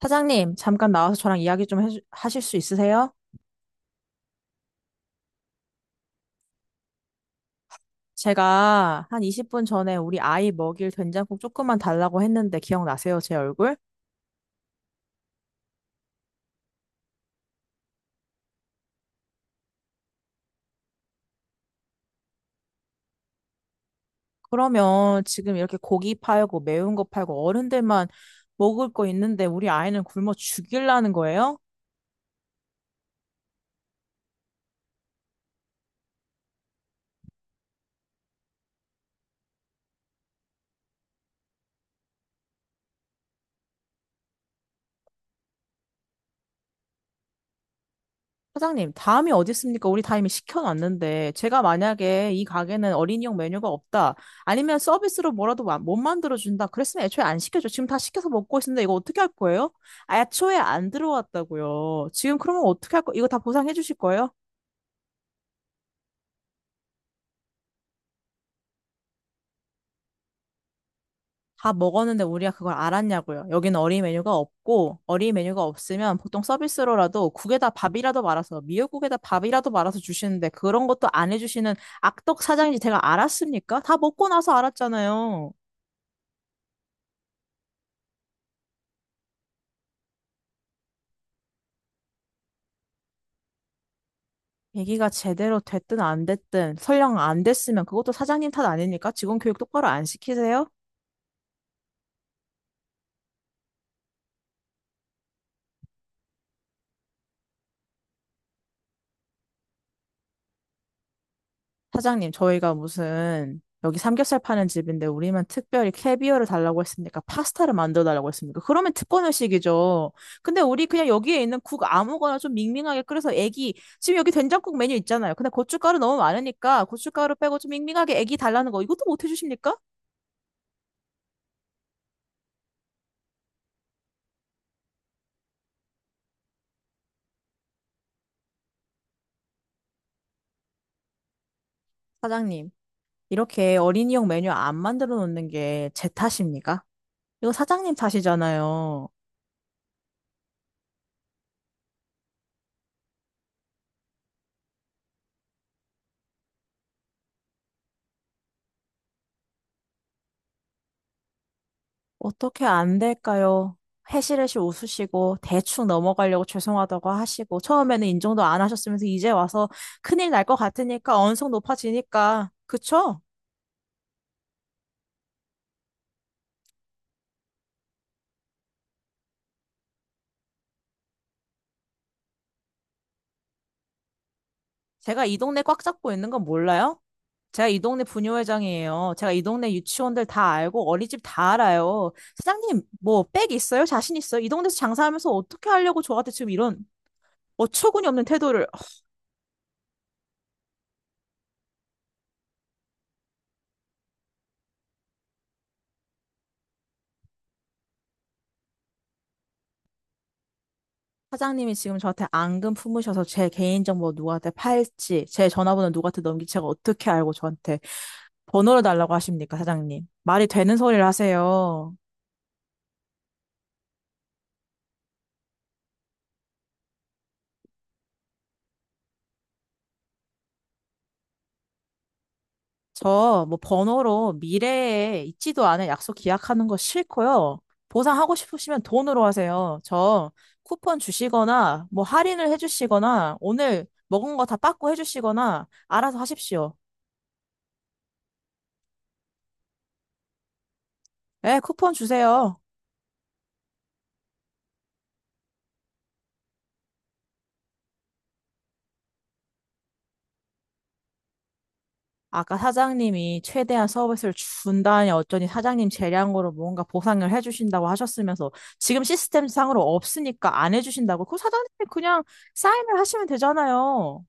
사장님, 잠깐 나와서 저랑 이야기 좀 하실 수 있으세요? 제가 한 20분 전에 우리 아이 먹일 된장국 조금만 달라고 했는데 기억나세요, 제 얼굴? 그러면 지금 이렇게 고기 팔고 매운 거 팔고 어른들만 먹을 거 있는데 우리 아이는 굶어 죽일라는 거예요? 사장님, 다음이 어디 있습니까? 우리 다 이미 시켜놨는데, 제가 만약에 이 가게는 어린이용 메뉴가 없다, 아니면 서비스로 뭐라도 못 만들어준다, 그랬으면 애초에 안 시켜줘. 지금 다 시켜서 먹고 있는데 이거 어떻게 할 거예요? 애초에 안 들어왔다고요. 지금 그러면 어떻게 할 거, 이거 다 보상해 주실 거예요? 다 먹었는데 우리가 그걸 알았냐고요. 여기는 어린 메뉴가 없고 어린 메뉴가 없으면 보통 서비스로라도 국에다 밥이라도 말아서 미역국에다 밥이라도 말아서 주시는데 그런 것도 안 해주시는 악덕 사장인지 제가 알았습니까? 다 먹고 나서 알았잖아요. 얘기가 제대로 됐든 안 됐든 설령 안 됐으면 그것도 사장님 탓 아닙니까? 직원 교육 똑바로 안 시키세요? 사장님, 저희가 무슨 여기 삼겹살 파는 집인데 우리만 특별히 캐비어를 달라고 했습니까? 파스타를 만들어 달라고 했습니까? 그러면 특권 의식이죠. 근데 우리 그냥 여기에 있는 국 아무거나 좀 밍밍하게 끓여서 애기 지금 여기 된장국 메뉴 있잖아요. 근데 고춧가루 너무 많으니까 고춧가루 빼고 좀 밍밍하게 애기 달라는 거 이것도 못 해주십니까? 사장님, 이렇게 어린이용 메뉴 안 만들어 놓는 게 제 탓입니까? 이거 사장님 탓이잖아요. 어떻게 안 될까요? 해시레시 웃으시고 대충 넘어가려고 죄송하다고 하시고 처음에는 인정도 안 하셨으면서 이제 와서 큰일 날 것 같으니까 언성 높아지니까 그쵸? 제가 이 동네 꽉 잡고 있는 건 몰라요? 제가 이 동네 부녀회장이에요. 제가 이 동네 유치원들 다 알고 어린이집 다 알아요. 사장님 뭐 백 있어요? 자신 있어요? 이 동네에서 장사하면서 어떻게 하려고 저한테 지금 이런 어처구니 없는 태도를. 사장님이 지금 저한테 앙금 품으셔서 제 개인정보 누구한테 팔지, 제 전화번호 누구한테 넘길지 제가 어떻게 알고 저한테 번호를 달라고 하십니까, 사장님? 말이 되는 소리를 하세요. 저 뭐 번호로 미래에 있지도 않은 약속 기약하는 거 싫고요. 보상하고 싶으시면 돈으로 하세요. 저 쿠폰 주시거나 뭐 할인을 해주시거나 오늘 먹은 거 다 빠꾸 해주시거나 알아서 하십시오. 예, 쿠폰 주세요. 아까 사장님이 최대한 서비스를 준다니 어쩌니 사장님 재량으로 뭔가 보상을 해주신다고 하셨으면서 지금 시스템상으로 없으니까 안 해주신다고 그 사장님이 그냥 사인을 하시면 되잖아요.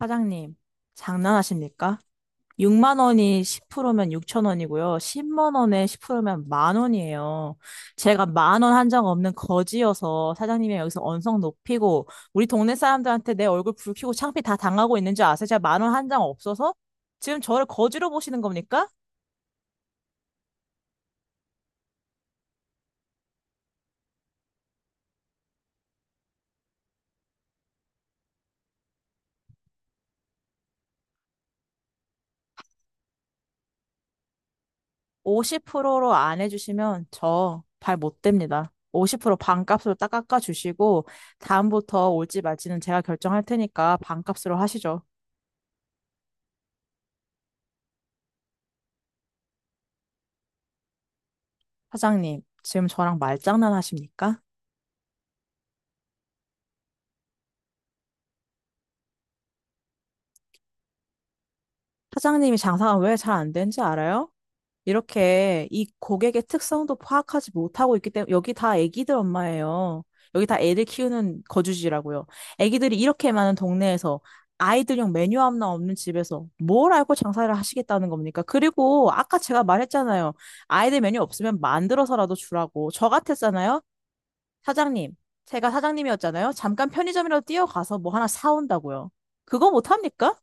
사장님, 장난하십니까? 6만 원이 10%면 6천 원이고요. 10만 원에 10%면 만 원이에요. 제가 만 원 한 장 없는 거지여서 사장님이 여기서 언성 높이고 우리 동네 사람들한테 내 얼굴 붉히고 창피 다 당하고 있는 줄 아세요? 제가 만 원 한 장 없어서 지금 저를 거지로 보시는 겁니까? 50%로 안 해주시면 저 발 못 댑니다. 50% 반값으로 딱 깎아주시고 다음부터 올지 말지는 제가 결정할 테니까 반값으로 하시죠. 사장님, 지금 저랑 말장난 하십니까? 사장님이 장사가 왜 잘 안 되는지 알아요? 이렇게 이 고객의 특성도 파악하지 못하고 있기 때문에 여기 다 애기들 엄마예요. 여기 다 애들 키우는 거주지라고요. 애기들이 이렇게 많은 동네에서 아이들용 메뉴 하나 없는 집에서 뭘 알고 장사를 하시겠다는 겁니까? 그리고 아까 제가 말했잖아요. 아이들 메뉴 없으면 만들어서라도 주라고. 저 같았잖아요. 사장님. 제가 사장님이었잖아요. 잠깐 편의점이라도 뛰어가서 뭐 하나 사온다고요. 그거 못합니까?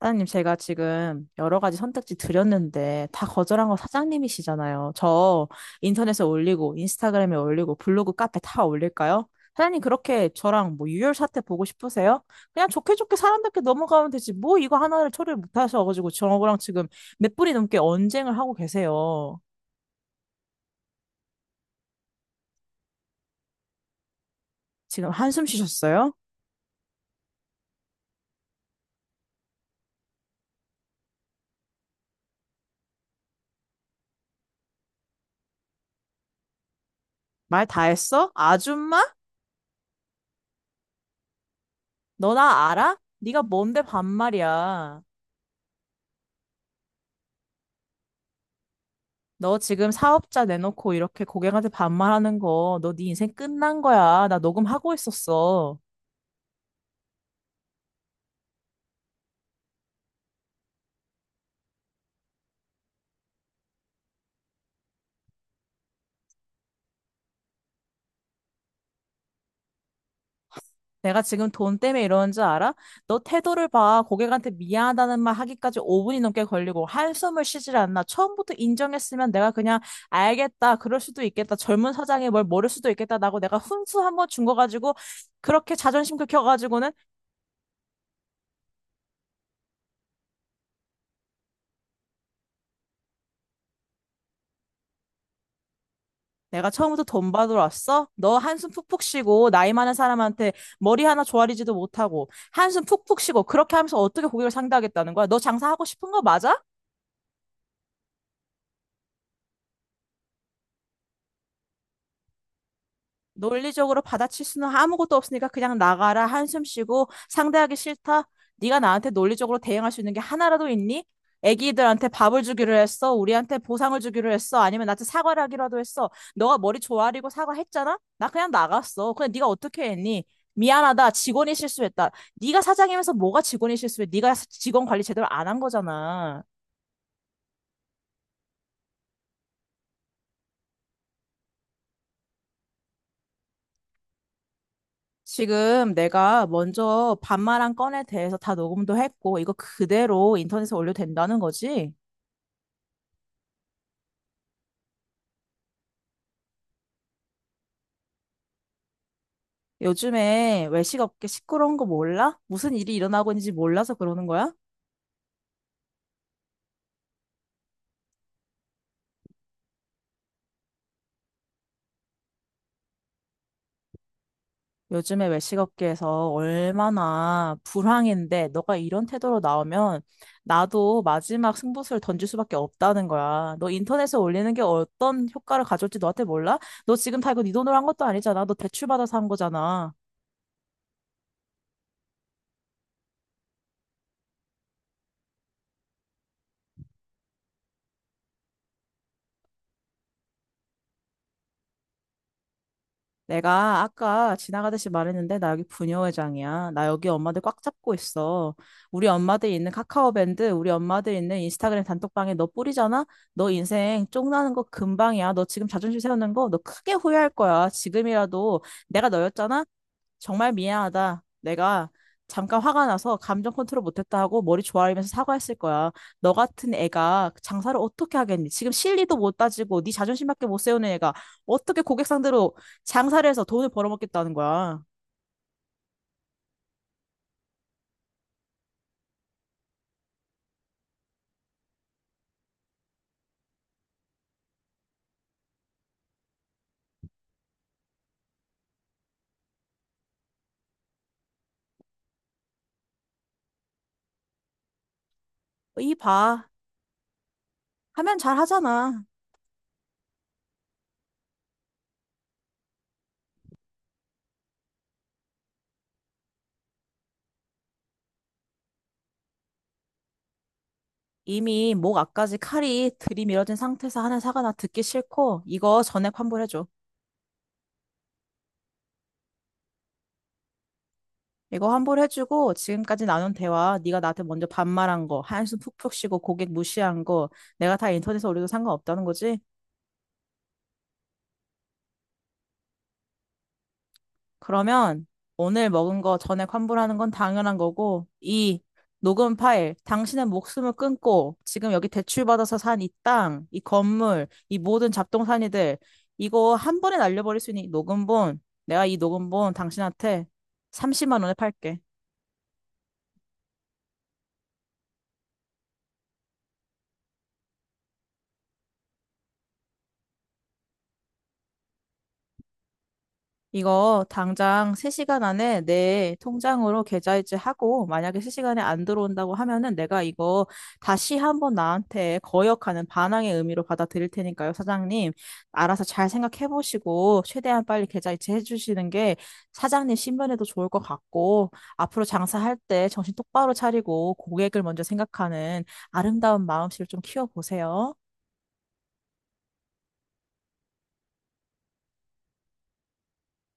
사장님, 제가 지금 여러 가지 선택지 드렸는데 다 거절한 거 사장님이시잖아요. 저 인터넷에 올리고 인스타그램에 올리고 블로그 카페 다 올릴까요? 사장님 그렇게 저랑 뭐 유혈 사태 보고 싶으세요? 그냥 좋게 좋게 사람답게 넘어가면 되지. 뭐 이거 하나를 처리를 못 하셔가지고 저랑 지금 몇 분이 넘게 언쟁을 하고 계세요. 지금 한숨 쉬셨어요? 말 다 했어? 아줌마? 너 나 알아? 네가 뭔데 반말이야. 너 지금 사업자 내놓고 이렇게 고객한테 반말하는 거, 너 네 인생 끝난 거야. 나 녹음하고 있었어. 내가 지금 돈 때문에 이러는 줄 알아? 너 태도를 봐. 고객한테 미안하다는 말 하기까지 5분이 넘게 걸리고 한숨을 쉬질 않나. 처음부터 인정했으면 내가 그냥 알겠다. 그럴 수도 있겠다. 젊은 사장이 뭘 모를 수도 있겠다. 라고 내가 훈수 한 번 준 거 가지고 그렇게 자존심 긁혀가지고는. 내가 처음부터 돈 받으러 왔어? 너 한숨 푹푹 쉬고 나이 많은 사람한테 머리 하나 조아리지도 못하고 한숨 푹푹 쉬고 그렇게 하면서 어떻게 고객을 상대하겠다는 거야? 너 장사하고 싶은 거 맞아? 논리적으로 받아칠 수는 아무것도 없으니까 그냥 나가라. 한숨 쉬고 상대하기 싫다. 네가 나한테 논리적으로 대응할 수 있는 게 하나라도 있니? 애기들한테 밥을 주기로 했어. 우리한테 보상을 주기로 했어. 아니면 나한테 사과를 하기라도 했어. 너가 머리 조아리고 사과했잖아? 나 그냥 나갔어. 근데 네가 어떻게 했니? 미안하다. 직원이 실수했다. 네가 사장이면서 뭐가 직원이 실수해? 네가 직원 관리 제대로 안 한 거잖아. 지금 내가 먼저 반말한 건에 대해서 다 녹음도 했고, 이거 그대로 인터넷에 올려도 된다는 거지? 요즘에 외식업계 시끄러운 거 몰라? 무슨 일이 일어나고 있는지 몰라서 그러는 거야? 요즘에 외식업계에서 얼마나 불황인데, 너가 이런 태도로 나오면 나도 마지막 승부수를 던질 수밖에 없다는 거야. 너 인터넷에 올리는 게 어떤 효과를 가져올지 너한테 몰라? 너 지금 다 이거 네 돈으로 한 것도 아니잖아. 너 대출받아서 한 거잖아. 내가 아까 지나가듯이 말했는데 나 여기 부녀회장이야. 나 여기 엄마들 꽉 잡고 있어. 우리 엄마들 있는 카카오밴드, 우리 엄마들 있는 인스타그램 단톡방에 너 뿌리잖아? 너 인생 쪽나는 거 금방이야. 너 지금 자존심 세우는 거 너 크게 후회할 거야. 지금이라도 내가 너였잖아? 정말 미안하다. 내가 잠깐 화가 나서 감정 컨트롤 못했다 하고 머리 조아리면서 사과했을 거야. 너 같은 애가 장사를 어떻게 하겠니? 지금 실리도 못 따지고 네 자존심밖에 못 세우는 애가 어떻게 고객 상대로 장사를 해서 돈을 벌어먹겠다는 거야. 이 봐. 하면 잘 하잖아. 이미 목 앞까지 칼이 들이밀어진 상태에서 하는 사과 나 듣기 싫고 이거 전액 환불해줘. 이거 환불해주고 지금까지 나눈 대화 네가 나한테 먼저 반말한 거 한숨 푹푹 쉬고 고객 무시한 거 내가 다 인터넷에 올려도 상관없다는 거지? 그러면 오늘 먹은 거 전액 환불하는 건 당연한 거고 이 녹음 파일 당신의 목숨을 끊고 지금 여기 대출받아서 산 이 땅, 이 건물, 이 모든 잡동사니들 이거 한 번에 날려버릴 수 있는 이 녹음본 내가 이 녹음본 당신한테 30만 원에 팔게. 이거 당장 3시간 안에 내 통장으로 계좌이체 하고 만약에 3시간에 안 들어온다고 하면은 내가 이거 다시 한번 나한테 거역하는 반항의 의미로 받아들일 테니까요, 사장님. 알아서 잘 생각해 보시고 최대한 빨리 계좌이체 해 주시는 게 사장님 신변에도 좋을 것 같고 앞으로 장사할 때 정신 똑바로 차리고 고객을 먼저 생각하는 아름다운 마음씨를 좀 키워 보세요.